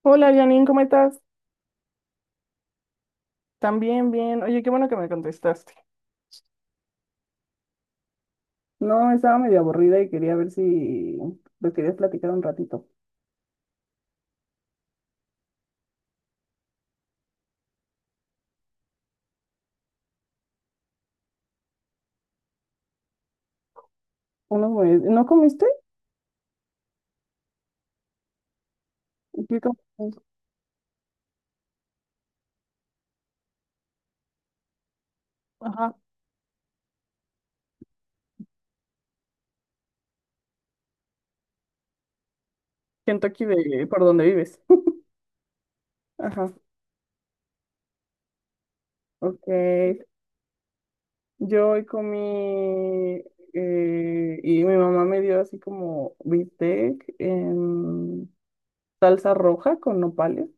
Hola Janine, ¿cómo estás? También bien. Oye, qué bueno que me contestaste. No, estaba medio aburrida y quería ver si lo querías platicar un ratito. Unos mue- ¿No comiste? ¿Qué comiste? Ajá. Kentucky de por donde vives. Ajá, ok. Yo hoy comí y mi mamá me dio así como bistec en salsa roja con nopales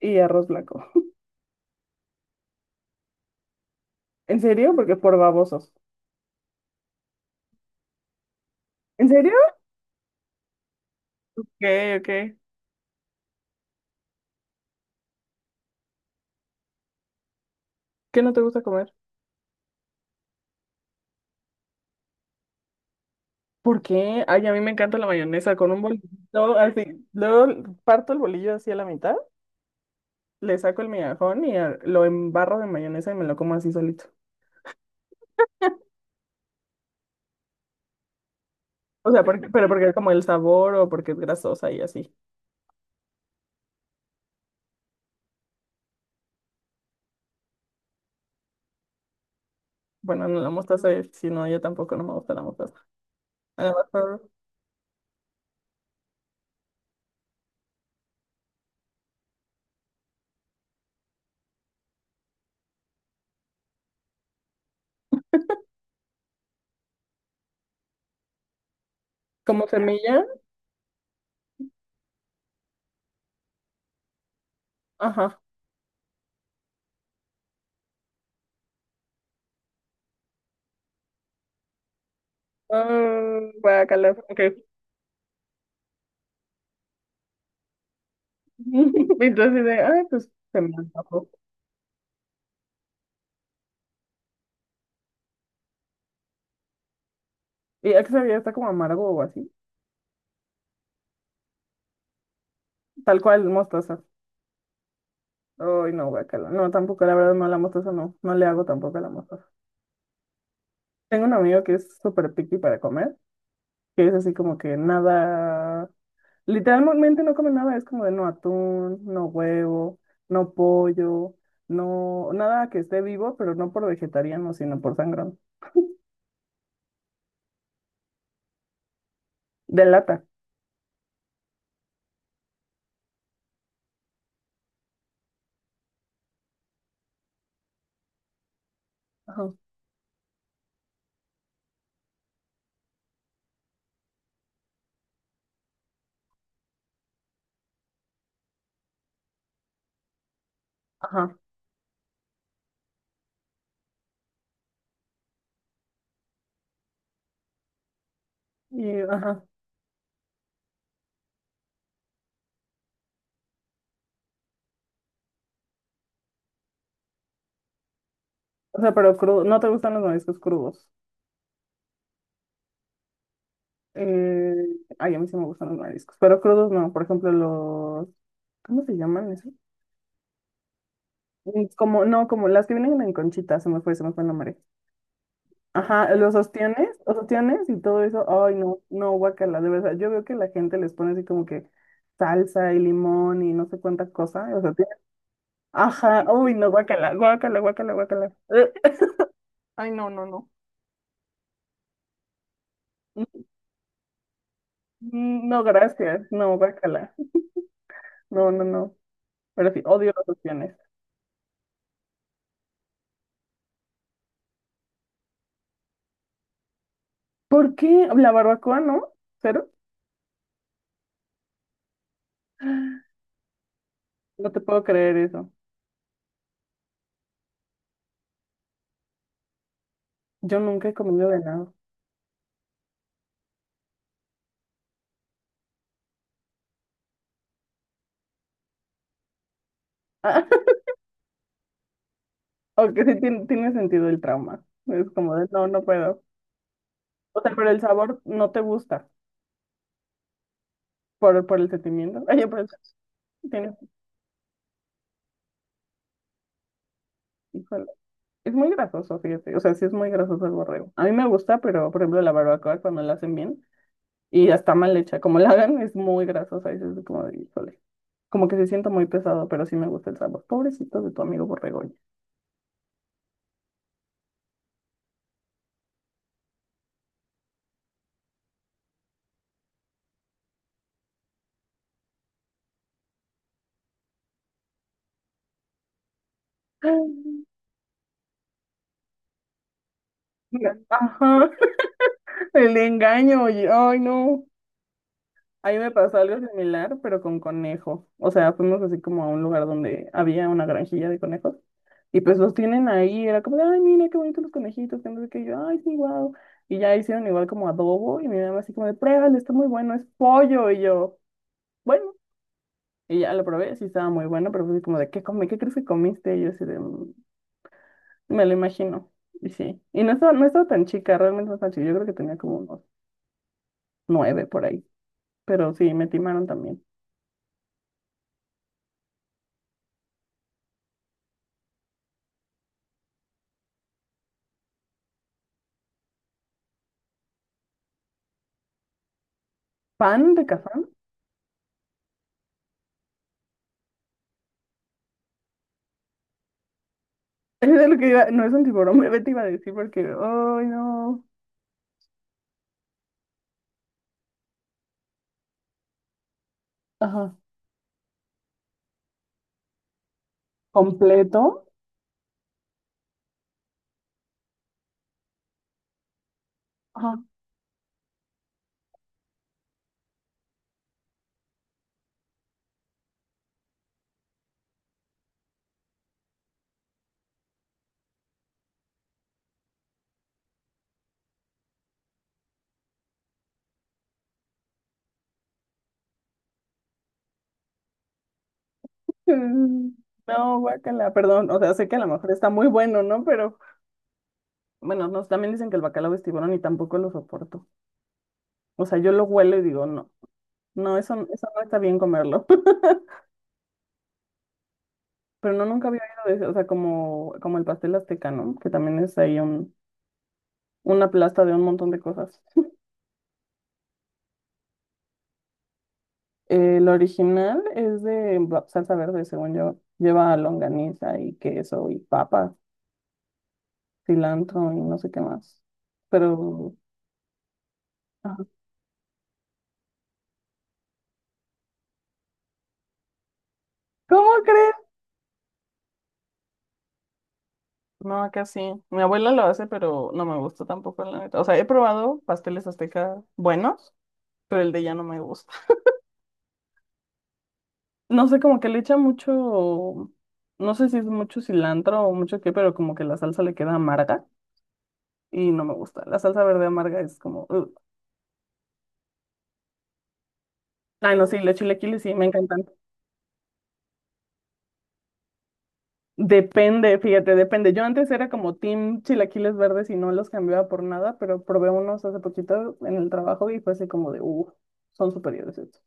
y arroz blanco. ¿En serio? Porque por babosos. ¿En serio? Ok, ok. ¿Qué no te gusta comer? ¿Por qué? Ay, a mí me encanta la mayonesa con un bolillo. Así, luego parto el bolillo así a la mitad, le saco el migajón y a- lo embarro de mayonesa y me lo como así solito. O sea, porque- pero porque es como el sabor o porque es grasosa y así. Bueno, no la mostaza, si no, yo tampoco no me gusta la mostaza. Además, por- como semilla, ajá. Ah, guácala, ok. Entonces, de, ay, pues se me antojó. Y ya que sabía, está como amargo o así. Tal cual, mostaza. Ay, no, guacala. No, tampoco, la verdad, no, la mostaza no. No le hago tampoco a la mostaza. Tengo un amigo que es súper picky para comer, que es así como que nada. Literalmente no come nada, es como de no atún, no huevo, no pollo, no. Nada que esté vivo, pero no por vegetariano, sino por sangrón. De lata. Ajá. Ajá. Y, ajá. O sea, pero crudo. No te gustan los mariscos crudos. Eh, ay, a mí sí me gustan los mariscos, pero crudos no. Por ejemplo, los. ¿Cómo se llaman? Esos. Mm, como, no, como las que vienen en conchita, se me fue el nombre. Ajá, los ostiones y todo eso. Ay, no, no, guacala, de verdad. Yo veo que la gente les pone así como que salsa y limón y no sé cuánta cosa. O sea, tiene- Ajá, uy, no, guacala, guacala, guacala, guacala. Ay, no, no, no. Mm, no, gracias, no, guacala. No, no, no. Pero sí, odio las opciones. ¿Por qué? La barbacoa, ¿no? ¿Cero? No te puedo creer eso. Yo nunca he comido venado. Aunque sí tiene sentido el trauma. Es como de, no, no puedo. O sea, pero el sabor no te gusta por el sentimiento. Oye, pero el- tiene, híjole, es muy grasoso, fíjate. O sea, sí es muy grasoso el borrego. A mí me gusta, pero por ejemplo la barbacoa cuando la hacen bien y está mal hecha, como la hagan, es muy grasosa. Y es así como de, híjole. Como que se siente muy pesado, pero sí me gusta el sabor. Pobrecito de tu amigo borrego, oye. Ajá, el engaño, oye. Ay, no. A mí me pasó algo similar, pero con conejos. O sea, fuimos así como a un lugar donde había una granjilla de conejos. Y pues los tienen ahí. Era como, de, ay, mira qué bonitos los conejitos. Que no sé qué. Y yo, ay, sí, wow. Y ya hicieron igual como adobo. Y mi mamá así como de, pruébalo, está muy bueno, es pollo. Y yo, bueno. Y ya lo probé, sí estaba muy bueno, pero fue así como de, ¿qué comí? ¿Qué crees que comiste? Y yo así de, "Mm, me lo imagino". Y sí. Y no estaba, no estaba tan chica, realmente no estaba chica. Yo creo que tenía como unos nueve por ahí. Pero sí, me timaron también. Pan de café. Es de lo que iba, no es un tiburón, me te iba a decir porque, ay, no. Ajá. ¿Completo? Ajá. Mm, no, guácala, perdón. O sea, sé que a lo mejor está muy bueno, ¿no? Pero bueno, nos también dicen que el bacalao es tiburón y tampoco lo soporto. O sea, yo lo huelo y digo, no, no, eso no está bien comerlo. Pero no, nunca había oído de eso. O sea, como, como el pastel azteca, ¿no? Que también es ahí un, una plasta de un montón de cosas. El original es de ba- salsa verde, según yo. Lleva longaniza y queso y papas, cilantro y no sé qué más. Pero, ajá. ¿Cómo crees? No, acá sí. Mi abuela lo hace, pero no me gusta tampoco, la neta. O sea, he probado pasteles aztecas buenos, pero el de ella no me gusta. No sé, como que le echa mucho, no sé si es mucho cilantro o mucho qué, pero como que la salsa le queda amarga y no me gusta. La salsa verde amarga es como, "Ugh". Ay, no, sí, los chilaquiles sí, me encantan. Depende, fíjate, depende. Yo antes era como team chilaquiles verdes y no los cambiaba por nada, pero probé unos hace poquito en el trabajo y fue así como de, uff, son superiores estos.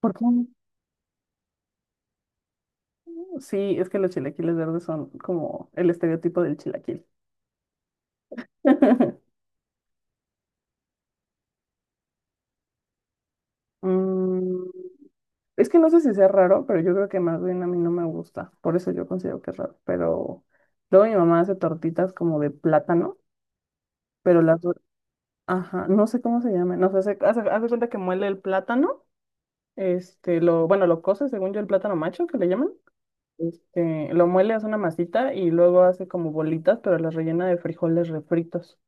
¿Por qué? Sí, es que los chilaquiles verdes son como el estereotipo del chilaquil. Mm, es que no sé si sea raro, pero yo creo que más bien a mí no me gusta. Por eso yo considero que es raro. Pero luego mi mamá hace tortitas como de plátano, pero las... dor- Ajá, no sé cómo se llaman. No sé, hace, hace cuenta que muele el plátano. Este, lo, bueno, lo cose, según yo, el plátano macho, que le llaman. Este, lo muele, hace una masita y luego hace como bolitas, pero las rellena de frijoles refritos.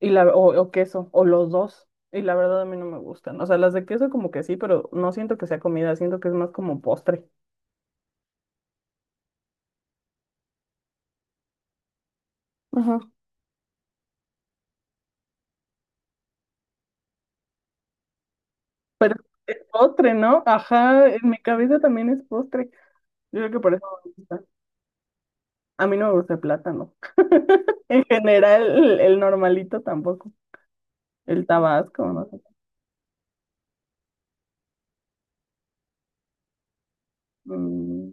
Y la, o queso, o los dos. Y la verdad a mí no me gustan. O sea, las de queso como que sí, pero no siento que sea comida, siento que es más como postre. Ajá. Pero es postre, ¿no? Ajá, en mi cabeza también es postre. Yo creo que por eso me gusta. A mí no me gusta el plátano. En general, el, normalito tampoco. El tabasco, no sé. Mm,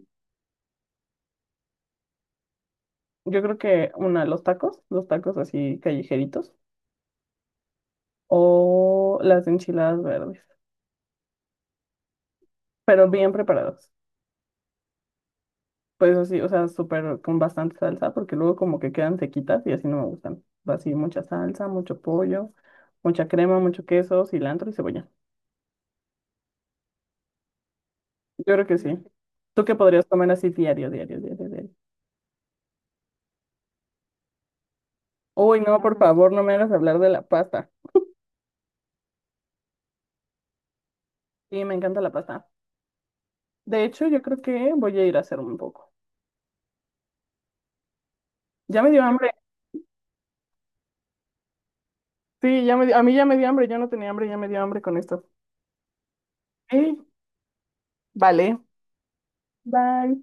yo creo que una, los tacos así callejeritos, o las enchiladas verdes, pero bien preparadas. Pues así, o sea, súper con bastante salsa, porque luego como que quedan sequitas y así no me gustan. Así mucha salsa, mucho pollo, mucha crema, mucho queso, cilantro y cebolla. Yo creo que sí. ¿Tú qué podrías comer así diario, diario, diario, diario? Uy, no, por favor, no me hagas hablar de la pasta. Sí, me encanta la pasta. De hecho, yo creo que voy a ir a hacer un poco. Ya me dio hambre. Sí, ya me, di- a mí ya me dio hambre, yo no tenía hambre, ya me dio hambre con esto. Sí, vale, bye.